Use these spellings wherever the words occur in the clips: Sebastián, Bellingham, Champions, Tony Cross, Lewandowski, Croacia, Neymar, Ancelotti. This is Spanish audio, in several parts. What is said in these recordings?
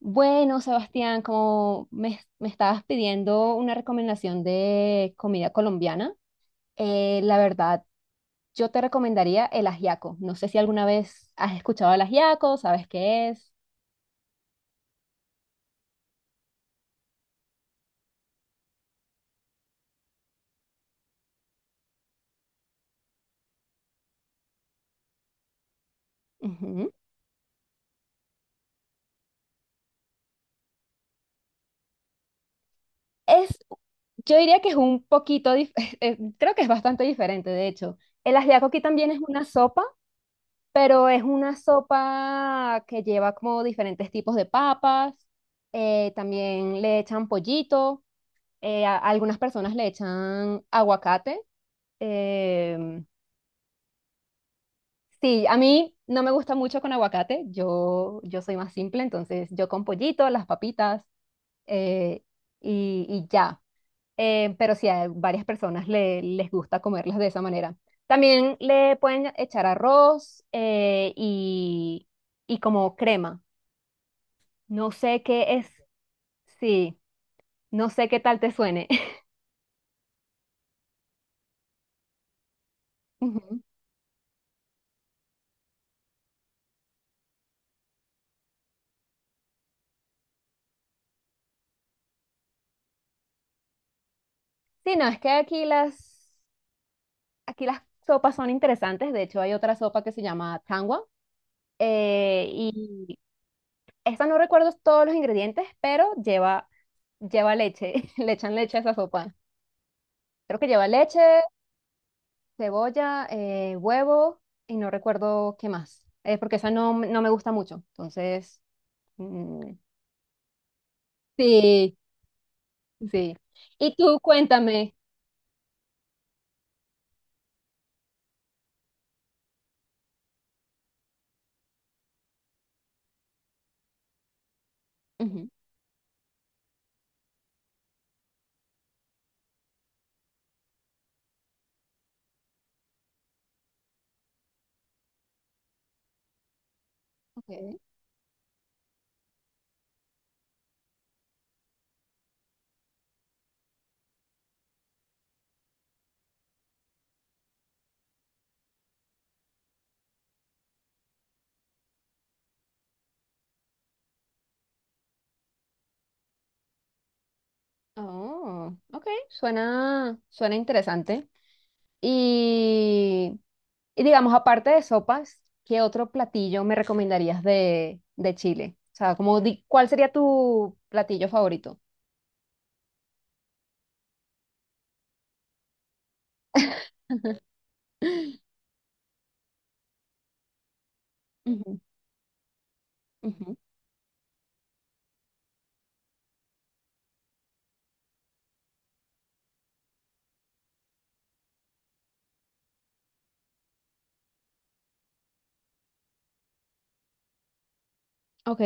Bueno, Sebastián, como me estabas pidiendo una recomendación de comida colombiana, la verdad, yo te recomendaría el ajiaco. No sé si alguna vez has escuchado el ajiaco, sabes qué es. Ujú. Es, yo diría que es un poquito, creo que es bastante diferente, de hecho. El ajiaco aquí también es una sopa, pero es una sopa que lleva como diferentes tipos de papas, también le echan pollito. A algunas personas le echan aguacate. em, sí, a mí no me gusta mucho con aguacate. Yo soy más simple, entonces yo con pollito, las papitas, eh, y ya. Pero sí, a varias personas les gusta comerlas de esa manera. También le pueden echar arroz, y como crema. No sé qué es. Sí, no sé qué tal te suene. Ujú. Sí, no, es que aquí las sopas son interesantes. De hecho, hay otra sopa que se llama tangua. Y esta no recuerdo todos los ingredientes, pero lleva leche. Le echan leche a esa sopa. Creo que lleva leche, cebolla, huevo y no recuerdo qué más. Porque esa no, no me gusta mucho. Entonces, mm, sí, sí. Y tú cuéntame. Ujú, ok. Oh, ok. Suena interesante. Y, y digamos, aparte de sopas, ¿qué otro platillo me recomendarías de, Chile? O sea, ¿cuál sería tu platillo favorito? Ujú, ujú. Ok,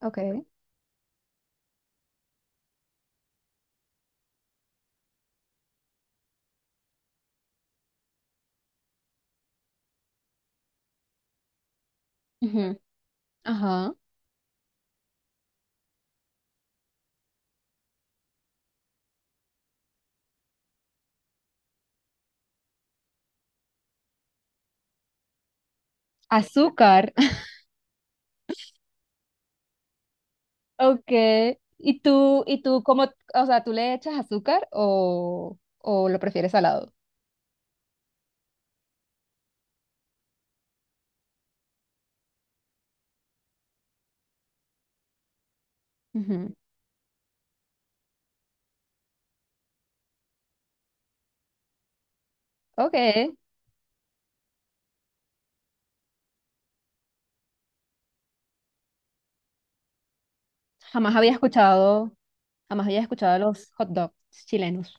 ok. Ujú, ajá. Azúcar. Okay. ¿Y tú cómo, o sea, tú le echas azúcar o lo prefieres salado? Ujú. Ok. Jamás había escuchado, jamás había escuchado los hot dogs chilenos.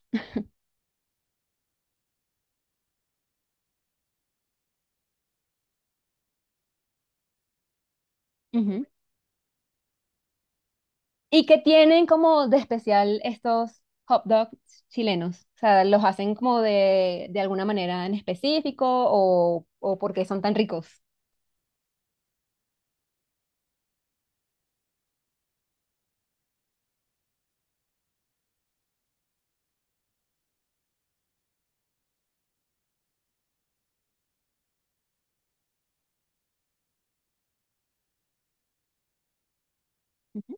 ¿Y que tienen como de especial estos hot dogs chilenos? O sea, ¿los hacen como de, alguna manera en específico o porque son tan ricos? Ujú.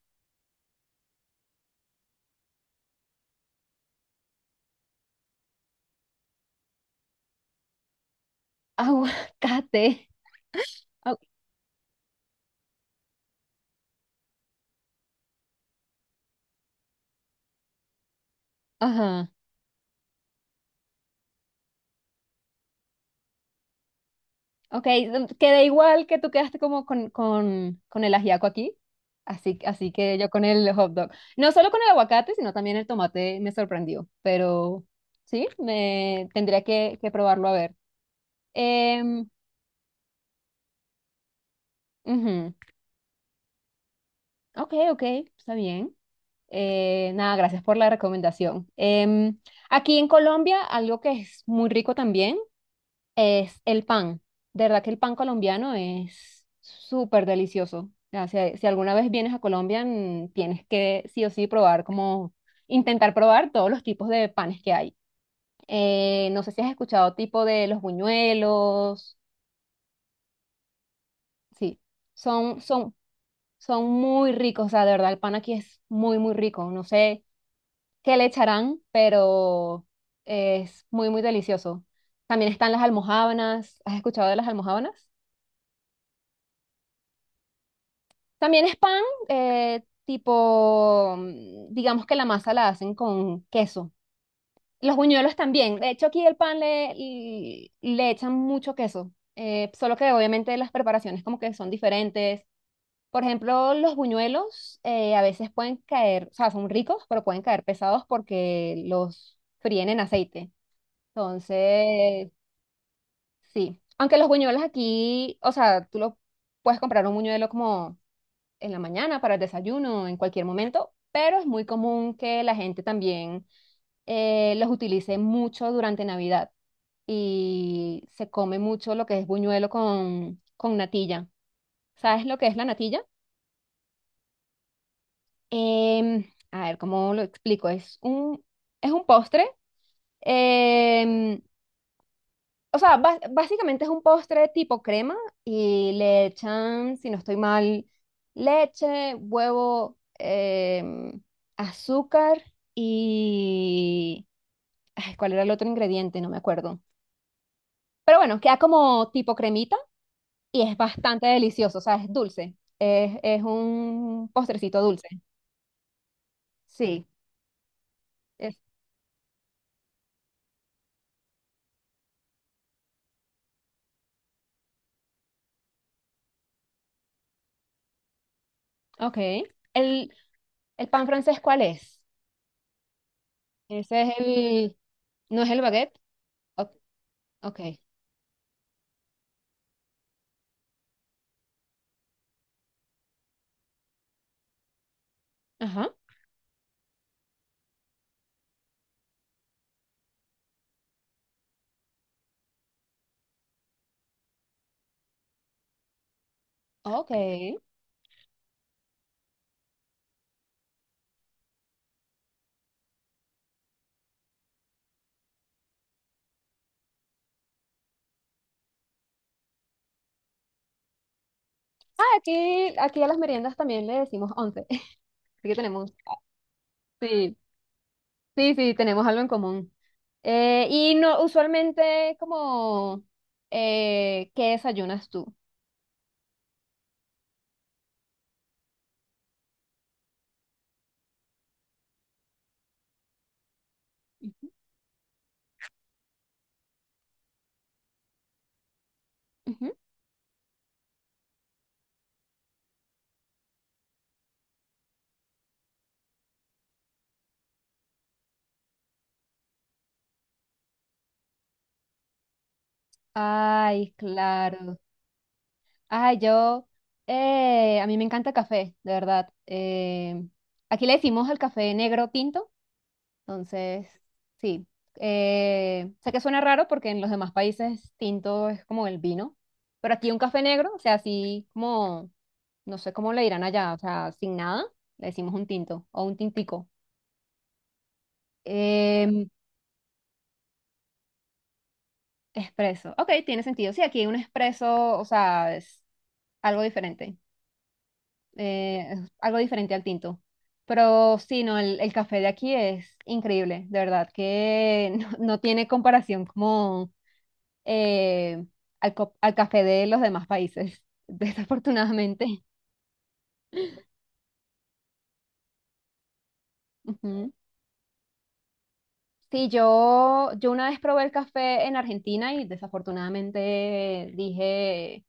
Aguacate. Au- Ajá. Ok, queda igual que tú quedaste como con, con el ajiaco aquí. Así que yo con el hot dog. No solo con el aguacate, sino también el tomate me sorprendió. Pero sí, me tendría que probarlo a ver. Em, Ujú. Ok, ok, está bien. Nada, gracias por la recomendación. Aquí en Colombia, algo que es muy rico también es el pan. De verdad que el pan colombiano es súper delicioso. O sea, si alguna vez vienes a Colombia, tienes que sí o sí probar, como intentar probar todos los tipos de panes que hay. No sé si has escuchado tipo de los buñuelos. Sí, son, son, son muy ricos. O sea, de verdad, el pan aquí es muy, muy rico. No sé que le echarán, pero es muy, muy delicioso. También están las almojábanas. ¿Has escuchado de las almojábanas? También es pan, tipo, digamos que la masa la hacen con queso. Los buñuelos también. De hecho, aquí el pan le echan mucho queso. Solo que obviamente las preparaciones como que son diferentes. Por ejemplo, los buñuelos, a veces pueden caer, o sea, son ricos, pero pueden caer pesados porque los fríen en aceite. Entonces. Sí, aunque los buñuelos aquí, o sea, tú lo puedes comprar un buñuelo como en la mañana para el desayuno, en cualquier momento, pero es muy común que la gente también, los utilice mucho durante Navidad y se come mucho lo que es buñuelo con, natilla. ¿Sabes lo que es la natilla? Em, a ver, ¿cómo lo explico? Es un postre. em, O sea, básicamente es un postre tipo crema y le echan, si no estoy mal, leche, huevo, em, azúcar y... Ay, ¿cuál era el otro ingrediente? No me acuerdo. Pero bueno, queda como tipo cremita y es bastante delicioso, o sea, es dulce. Es un postrecito dulce. Sí. Es, ok. ¿El, el pan francés cuál es? Ese es el. ¿No es el baguette? O- ok. Ajá. Ok. Aquí a las meriendas también le decimos once, así que tenemos, sí, sí, sí, tenemos algo en común. Y no, usualmente como, ¿qué desayunas tú? Ujú, ujú. Ay, claro. Ay, a mí me encanta el café, de verdad. Aquí le decimos el café negro tinto. Entonces. Sí. Sé que suena raro porque en los demás países tinto es como el vino, pero aquí un café negro, o sea, así como, no sé cómo le dirán allá, o sea, sin nada, le decimos un tinto o un tintico. Em, Espresso, ok, tiene sentido. Sí, aquí un espresso, o sea, algo diferente, es algo diferente al tinto. Pero sí, no, el café de aquí es increíble, de verdad, que no, no tiene comparación como eh, al café de los demás países, desafortunadamente. Ujú. Sí, yo una vez probé el café en Argentina y desafortunadamente dije,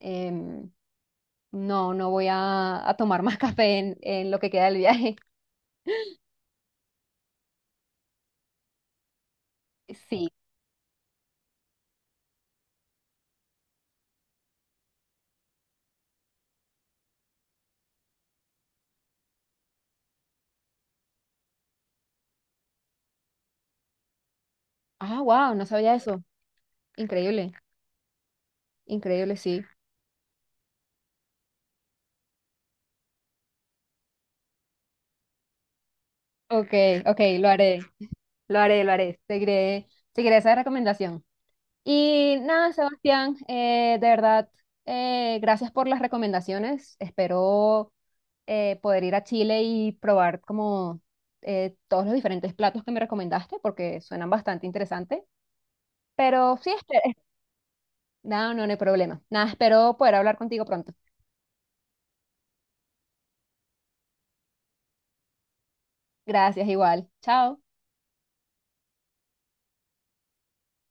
em, no, no voy a tomar más café en lo que queda del viaje. Sí. Ah, wow, no sabía eso. Increíble, increíble, sí. Ok, ok, lo haré, lo haré, lo haré. Seguiré esa recomendación. Y nada, Sebastián, de verdad, gracias por las recomendaciones. Espero, poder ir a Chile y probar como, todos los diferentes platos que me recomendaste porque suenan bastante interesantes. Pero sí, espero. No, no, no hay problema. Nada, espero poder hablar contigo pronto. Gracias, igual. Chao.